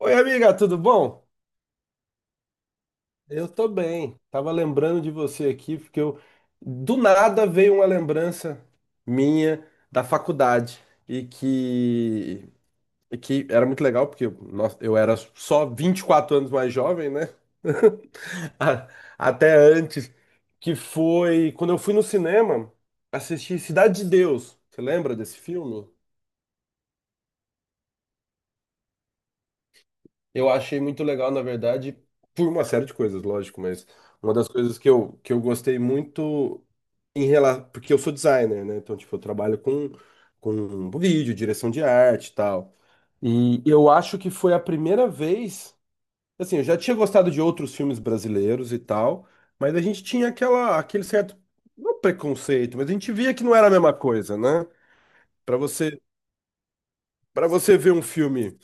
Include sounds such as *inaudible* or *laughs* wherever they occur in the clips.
Oi, amiga, tudo bom? Eu tô bem. Tava lembrando de você aqui, porque eu do nada veio uma lembrança minha da faculdade e que era muito legal, porque nossa, eu era só 24 anos mais jovem, né? *laughs* A- Até antes, que foi quando eu fui no cinema assistir Cidade de Deus. Você lembra desse filme? Eu achei muito legal, na verdade, por uma série de coisas, lógico, mas uma das coisas que eu gostei muito em relação. Porque eu sou designer, né? Então, tipo, eu trabalho com vídeo, direção de arte e tal. E eu acho que foi a primeira vez. Assim, eu já tinha gostado de outros filmes brasileiros e tal, mas a gente tinha aquela, aquele certo. Não preconceito, mas a gente via que não era a mesma coisa, né? Pra você, para você ver um filme,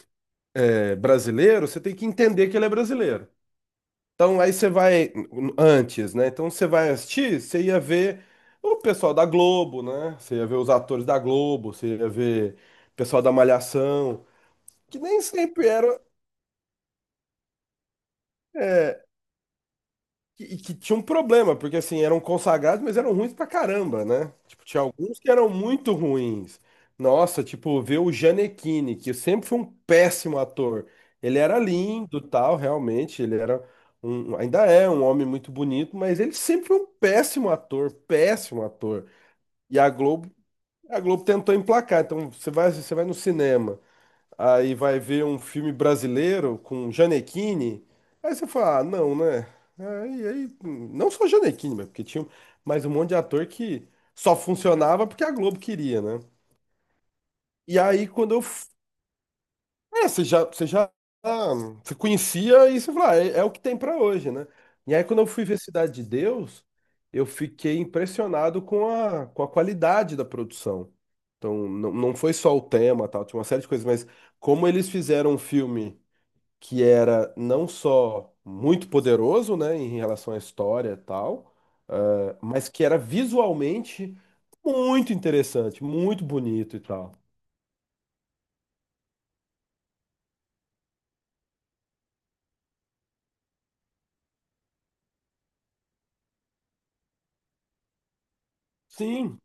brasileiro, você tem que entender que ele é brasileiro. Então aí você vai antes, né? Então você vai assistir, você ia ver o pessoal da Globo, né? Você ia ver os atores da Globo, você ia ver o pessoal da Malhação, que nem sempre era. é, E que tinha um problema, porque assim, eram consagrados, mas eram ruins pra caramba, né? Tipo, tinha alguns que eram muito ruins. Nossa, tipo, ver o Gianecchini, que sempre foi um péssimo ator. Ele era lindo, tal, realmente, ainda é um homem muito bonito, mas ele sempre foi um péssimo ator, péssimo ator. E a Globo tentou emplacar. Então, você vai no cinema. Aí vai ver um filme brasileiro com Janequine. Aí você fala, ah, não, né? Aí, não só Janequine, mas porque tinha mais um monte de ator que só funcionava porque a Globo queria, né? E aí quando eu. F- É, você já ah, você conhecia e você fala, ah, é o que tem pra hoje, né? E aí quando eu fui ver Cidade de Deus, eu fiquei impressionado com a qualidade da produção. Então, não, não foi só o tema, tal, tinha uma série de coisas, mas como eles fizeram um filme que era não só muito poderoso, né, em relação à história e tal, mas que era visualmente muito interessante, muito bonito e tal. Sim,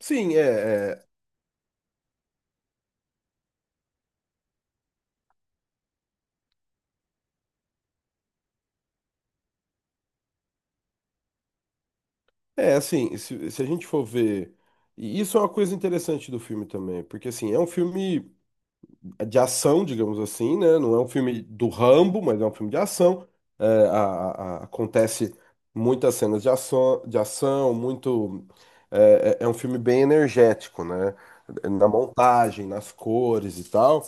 sim, é, é, é assim, se a gente for ver, e isso é uma coisa interessante do filme também, porque assim, é um filme de ação, digamos assim, né? Não é um filme do Rambo, mas é um filme de ação. É, acontece muitas cenas de ação, muito. É, é um filme bem energético, né? Na montagem, nas cores e tal.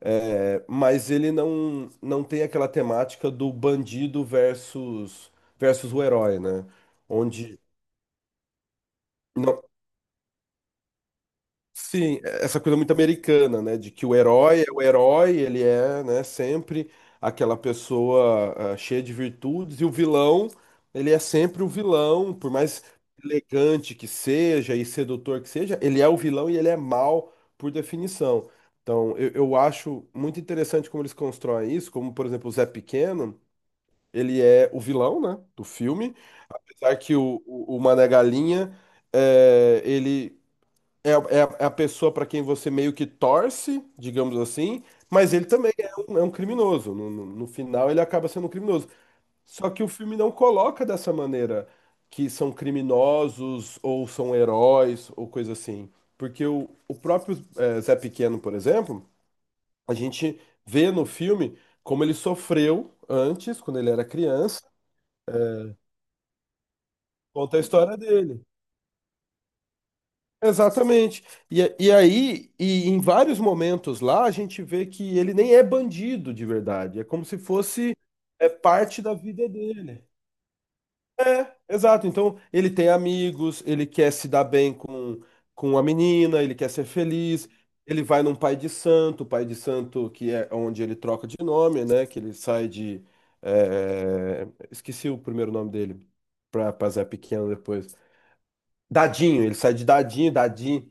É, mas ele não tem aquela temática do bandido versus o herói, né? Onde não- Sim, essa coisa muito americana, né? De que o herói é o herói, ele é, né, sempre aquela pessoa cheia de virtudes, e o vilão, ele é sempre o vilão, por mais elegante que seja e sedutor que seja, ele é o vilão e ele é mal por definição. Então, eu acho muito interessante como eles constroem isso, como, por exemplo, o Zé Pequeno, ele é o vilão, né, do filme, apesar que o Mané Galinha, é, ele. É, a- é, a é a pessoa para quem você meio que torce, digamos assim, mas ele também é um criminoso. No final, ele acaba sendo um criminoso. Só que o filme não coloca dessa maneira que são criminosos ou são heróis ou coisa assim. Porque o próprio Zé Pequeno, por exemplo, a gente vê no filme como ele sofreu antes, quando ele era criança, é, conta a história dele. Exatamente. E aí, e em vários momentos lá, a gente vê que ele nem é bandido de verdade. É como se fosse parte da vida dele. É, exato. Então, ele tem amigos, ele quer se dar bem com a menina, ele quer ser feliz. Ele vai num pai de santo que é onde ele troca de nome, né? Que ele sai de. Esqueci o primeiro nome dele, para Zé Pequeno depois. Dadinho, ele sai de Dadinho, Dadinho.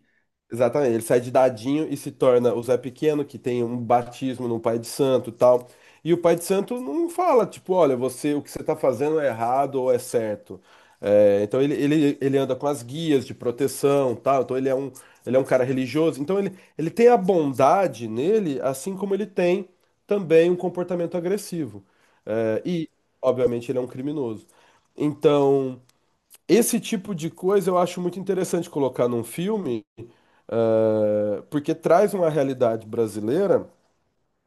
Exatamente, ele sai de Dadinho e se torna o Zé Pequeno, que tem um batismo no Pai de Santo e tal. E o Pai de Santo não fala, tipo, olha, você, o que você tá fazendo é errado ou é certo. É, então ele anda com as guias de proteção, tal. Então ele é um cara religioso. Então ele tem a bondade nele, assim como ele tem também um comportamento agressivo. É, e, obviamente, ele é um criminoso. Então. Esse tipo de coisa eu acho muito interessante colocar num filme, porque traz uma realidade brasileira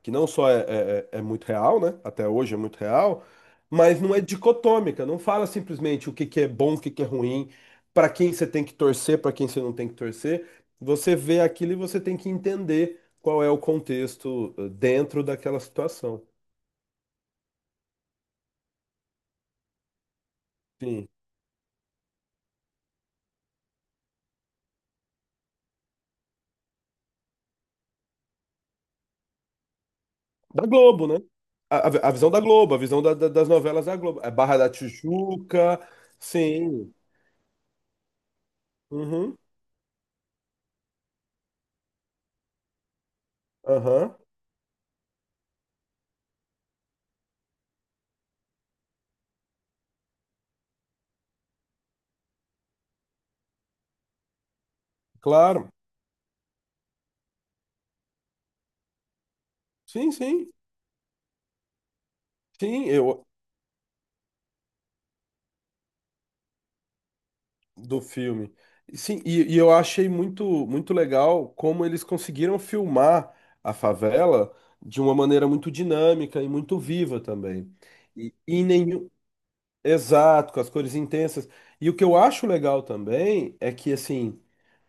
que não só é muito real, né? Até hoje é muito real, mas não é dicotômica. Não fala simplesmente o que que é bom, o que que é ruim, para quem você tem que torcer, para quem você não tem que torcer. Você vê aquilo e você tem que entender qual é o contexto dentro daquela situação. Sim. Da Globo, né? A visão da Globo, a visão das novelas da Globo. É Barra da Tijuca, sim. Uhum, aham, claro. Sim, sim, sim, eu, do filme. Sim, e eu achei muito, muito legal como eles conseguiram filmar a favela de uma maneira muito dinâmica e muito viva também. E em nenhum. Exato, com as cores intensas. E o que eu acho legal também é que, assim.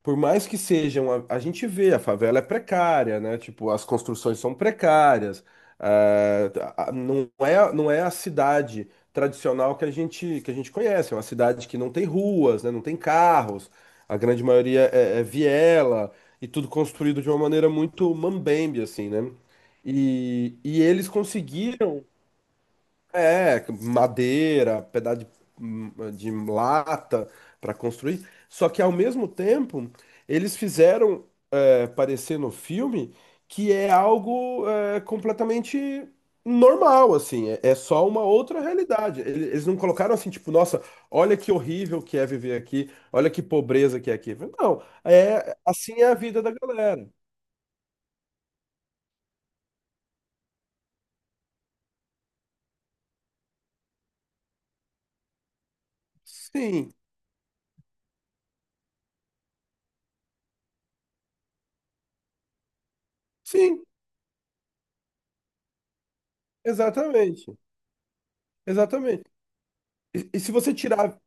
Por mais que sejam, a gente vê, a favela é precária, né? Tipo, as construções são precárias. eh, não é a cidade tradicional que a gente conhece. É uma cidade que não tem ruas, né? Não tem carros. A grande maioria é viela e tudo construído de uma maneira muito mambembe, assim, né? E eles conseguiram madeira, pedaço de lata para construir. Só que ao mesmo tempo, eles fizeram parecer no filme que é algo completamente normal, assim. É, é só uma outra realidade. Eles não colocaram assim, tipo, nossa, olha que horrível que é viver aqui, olha que pobreza que é aqui. Não, é assim é a vida da galera. Sim, sim, exatamente, exatamente. E se você tirar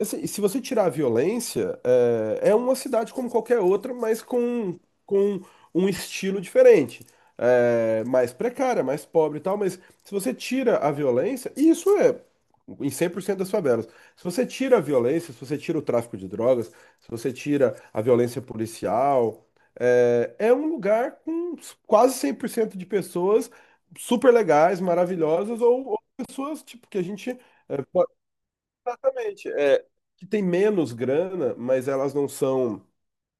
Assim, se você tirar a violência, é uma cidade como qualquer outra, mas com um estilo diferente. É, mais precária, mais pobre e tal, mas se você tira a violência, e isso é em 100% das favelas. Se você tira a violência, se você tira o tráfico de drogas, se você tira a violência policial, é um lugar com quase 100% de pessoas super legais, maravilhosas, ou pessoas tipo, que a gente. eh, Exatamente. É, que tem menos grana, mas elas não são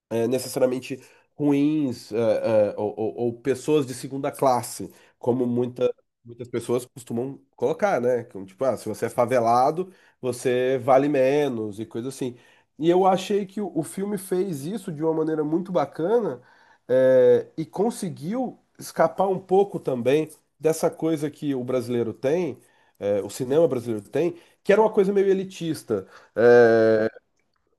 necessariamente ruins, ou pessoas de segunda classe, como muitas pessoas costumam colocar, né? Tipo, se você é favelado, você vale menos e coisa assim. E eu achei que o filme fez isso de uma maneira muito bacana, e conseguiu escapar um pouco também dessa coisa que o brasileiro tem, o cinema brasileiro tem, que era uma coisa meio elitista. É,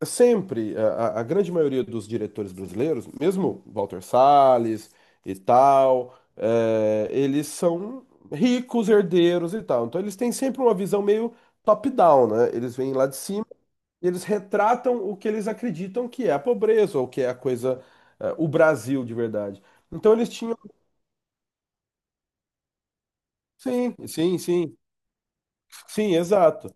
Sempre, a grande maioria dos diretores brasileiros, mesmo Walter Salles e tal, eles são ricos, herdeiros e tal. Então eles têm sempre uma visão meio top-down, né? Eles vêm lá de cima e eles retratam o que eles acreditam que é a pobreza, ou que é a coisa, o Brasil de verdade. Então eles tinham. Sim, sim, sim, sim, exato.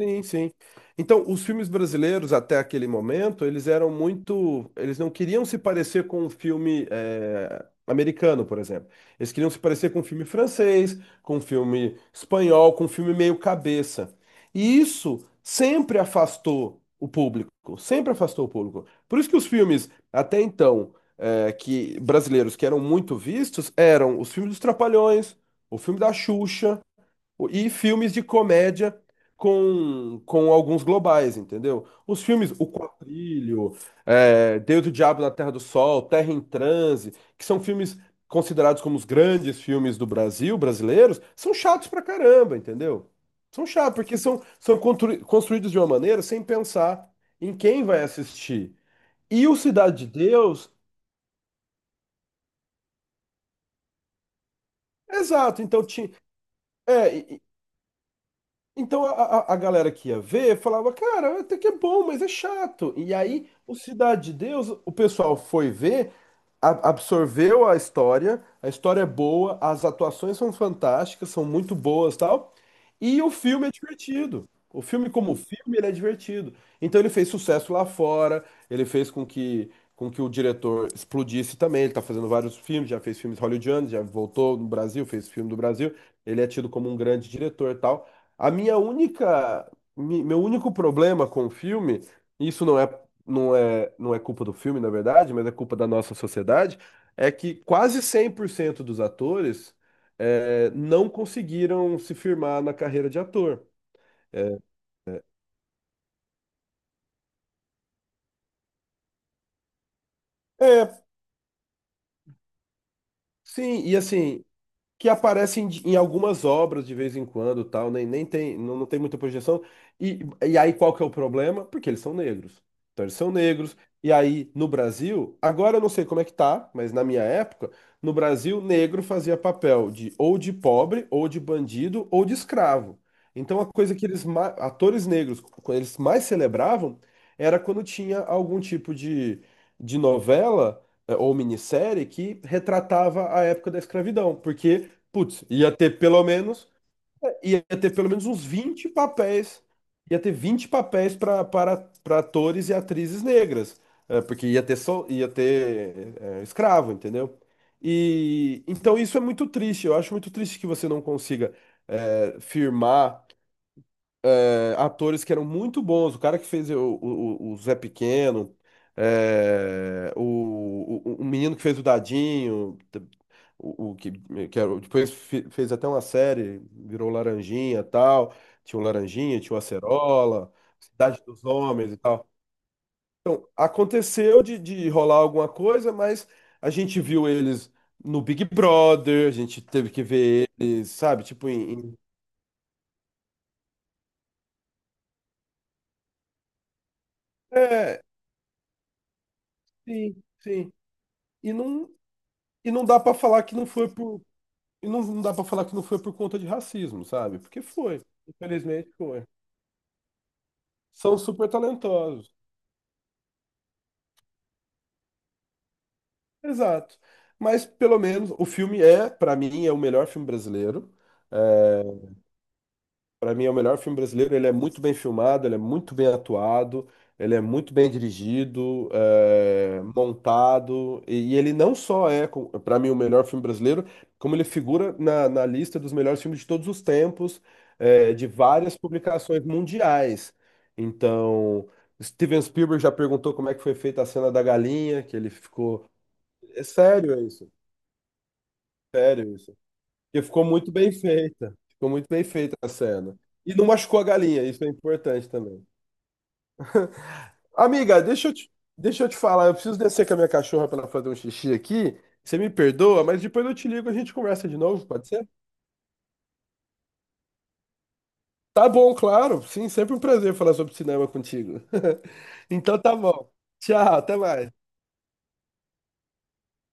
Sim, sim. Então, os filmes brasileiros até aquele momento, eles não queriam se parecer com um filme americano, por exemplo. Eles queriam se parecer com um filme francês, com um filme espanhol, com um filme meio cabeça. E isso sempre afastou o público, sempre afastou o público. Por isso que os filmes até então que brasileiros que eram muito vistos eram os filmes dos Trapalhões, o filme da Xuxa e filmes de comédia com alguns globais, entendeu? Os filmes O Quatrilho, Deus e o Diabo na Terra do Sol, Terra em Transe, que são filmes considerados como os grandes filmes do Brasil, brasileiros, são chatos pra caramba, entendeu? São chatos, porque são construídos de uma maneira sem pensar em quem vai assistir. E o Cidade de Deus, exato, então tinha. É, Então a galera que ia ver falava, cara, até que é bom, mas é chato. E aí, o Cidade de Deus, o pessoal foi ver, absorveu a história é boa, as atuações são fantásticas, são muito boas, tal. E o filme é divertido. O filme como filme, ele é divertido. Então ele fez sucesso lá fora, ele fez com que o diretor explodisse também. Ele tá fazendo vários filmes, já fez filmes hollywoodianos, já voltou no Brasil, fez filme do Brasil. Ele é tido como um grande diretor, e tal. A minha única, mi- Meu único problema com o filme, e isso não é, não é culpa do filme, na verdade, mas é culpa da nossa sociedade, é que quase 100% dos atores não conseguiram se firmar na carreira de ator. É, sim, e assim, que aparecem em algumas obras de vez em quando, tal, nem tem, não tem muita projeção. E, e aí qual que é o problema? Porque eles são negros. Então eles são negros. E aí no Brasil, agora eu não sei como é que tá, mas na minha época, no Brasil, negro fazia papel de ou de pobre, ou de bandido, ou de escravo. Então a coisa que atores negros, quando eles mais celebravam era quando tinha algum tipo de novela ou minissérie que retratava a época da escravidão, porque putz, ia ter pelo menos uns 20 papéis, ia ter 20 papéis para atores e atrizes negras, é, porque ia ter sol, ia ter é, escravo, entendeu? E então isso é muito triste. Eu acho muito triste que você não consiga é, firmar é, atores que eram muito bons. O cara que fez o Zé Pequeno, o menino que fez o Dadinho, o que, que era- depois fe- fez até uma série, virou Laranjinha e tal. Tinha o Laranjinha, tinha o Acerola, Cidade dos Homens e tal. Então, aconteceu de rolar alguma coisa, mas a gente viu eles no Big Brother, a gente teve que ver eles, sabe, tipo, em. É, sim, sim. E não. E não dá pra falar que não foi por. E não, não dá pra falar que não foi por conta de racismo, sabe? Porque foi. Infelizmente foi. São super talentosos. Exato. Mas pelo menos o filme é, pra mim, é o melhor filme brasileiro. É, para mim é o melhor filme brasileiro. Ele é muito bem filmado, ele é muito bem atuado, ele é muito bem dirigido, é, montado. E ele não só é, para mim, o melhor filme brasileiro, como ele figura na lista dos melhores filmes de todos os tempos, é, de várias publicações mundiais. Então, Steven Spielberg já perguntou como é que foi feita a cena da galinha, que ele ficou. É sério isso, sério isso. Porque ficou muito bem feita. Ficou muito bem feita a cena. E não machucou a galinha, isso é importante também. Amiga, deixa eu te falar, eu preciso descer com a minha cachorra para ela fazer um xixi aqui. Você me perdoa, mas depois eu te ligo e a gente conversa de novo, pode ser? Tá bom, claro. Sim, sempre um prazer falar sobre cinema contigo. *laughs* Então tá bom. Tchau, até mais.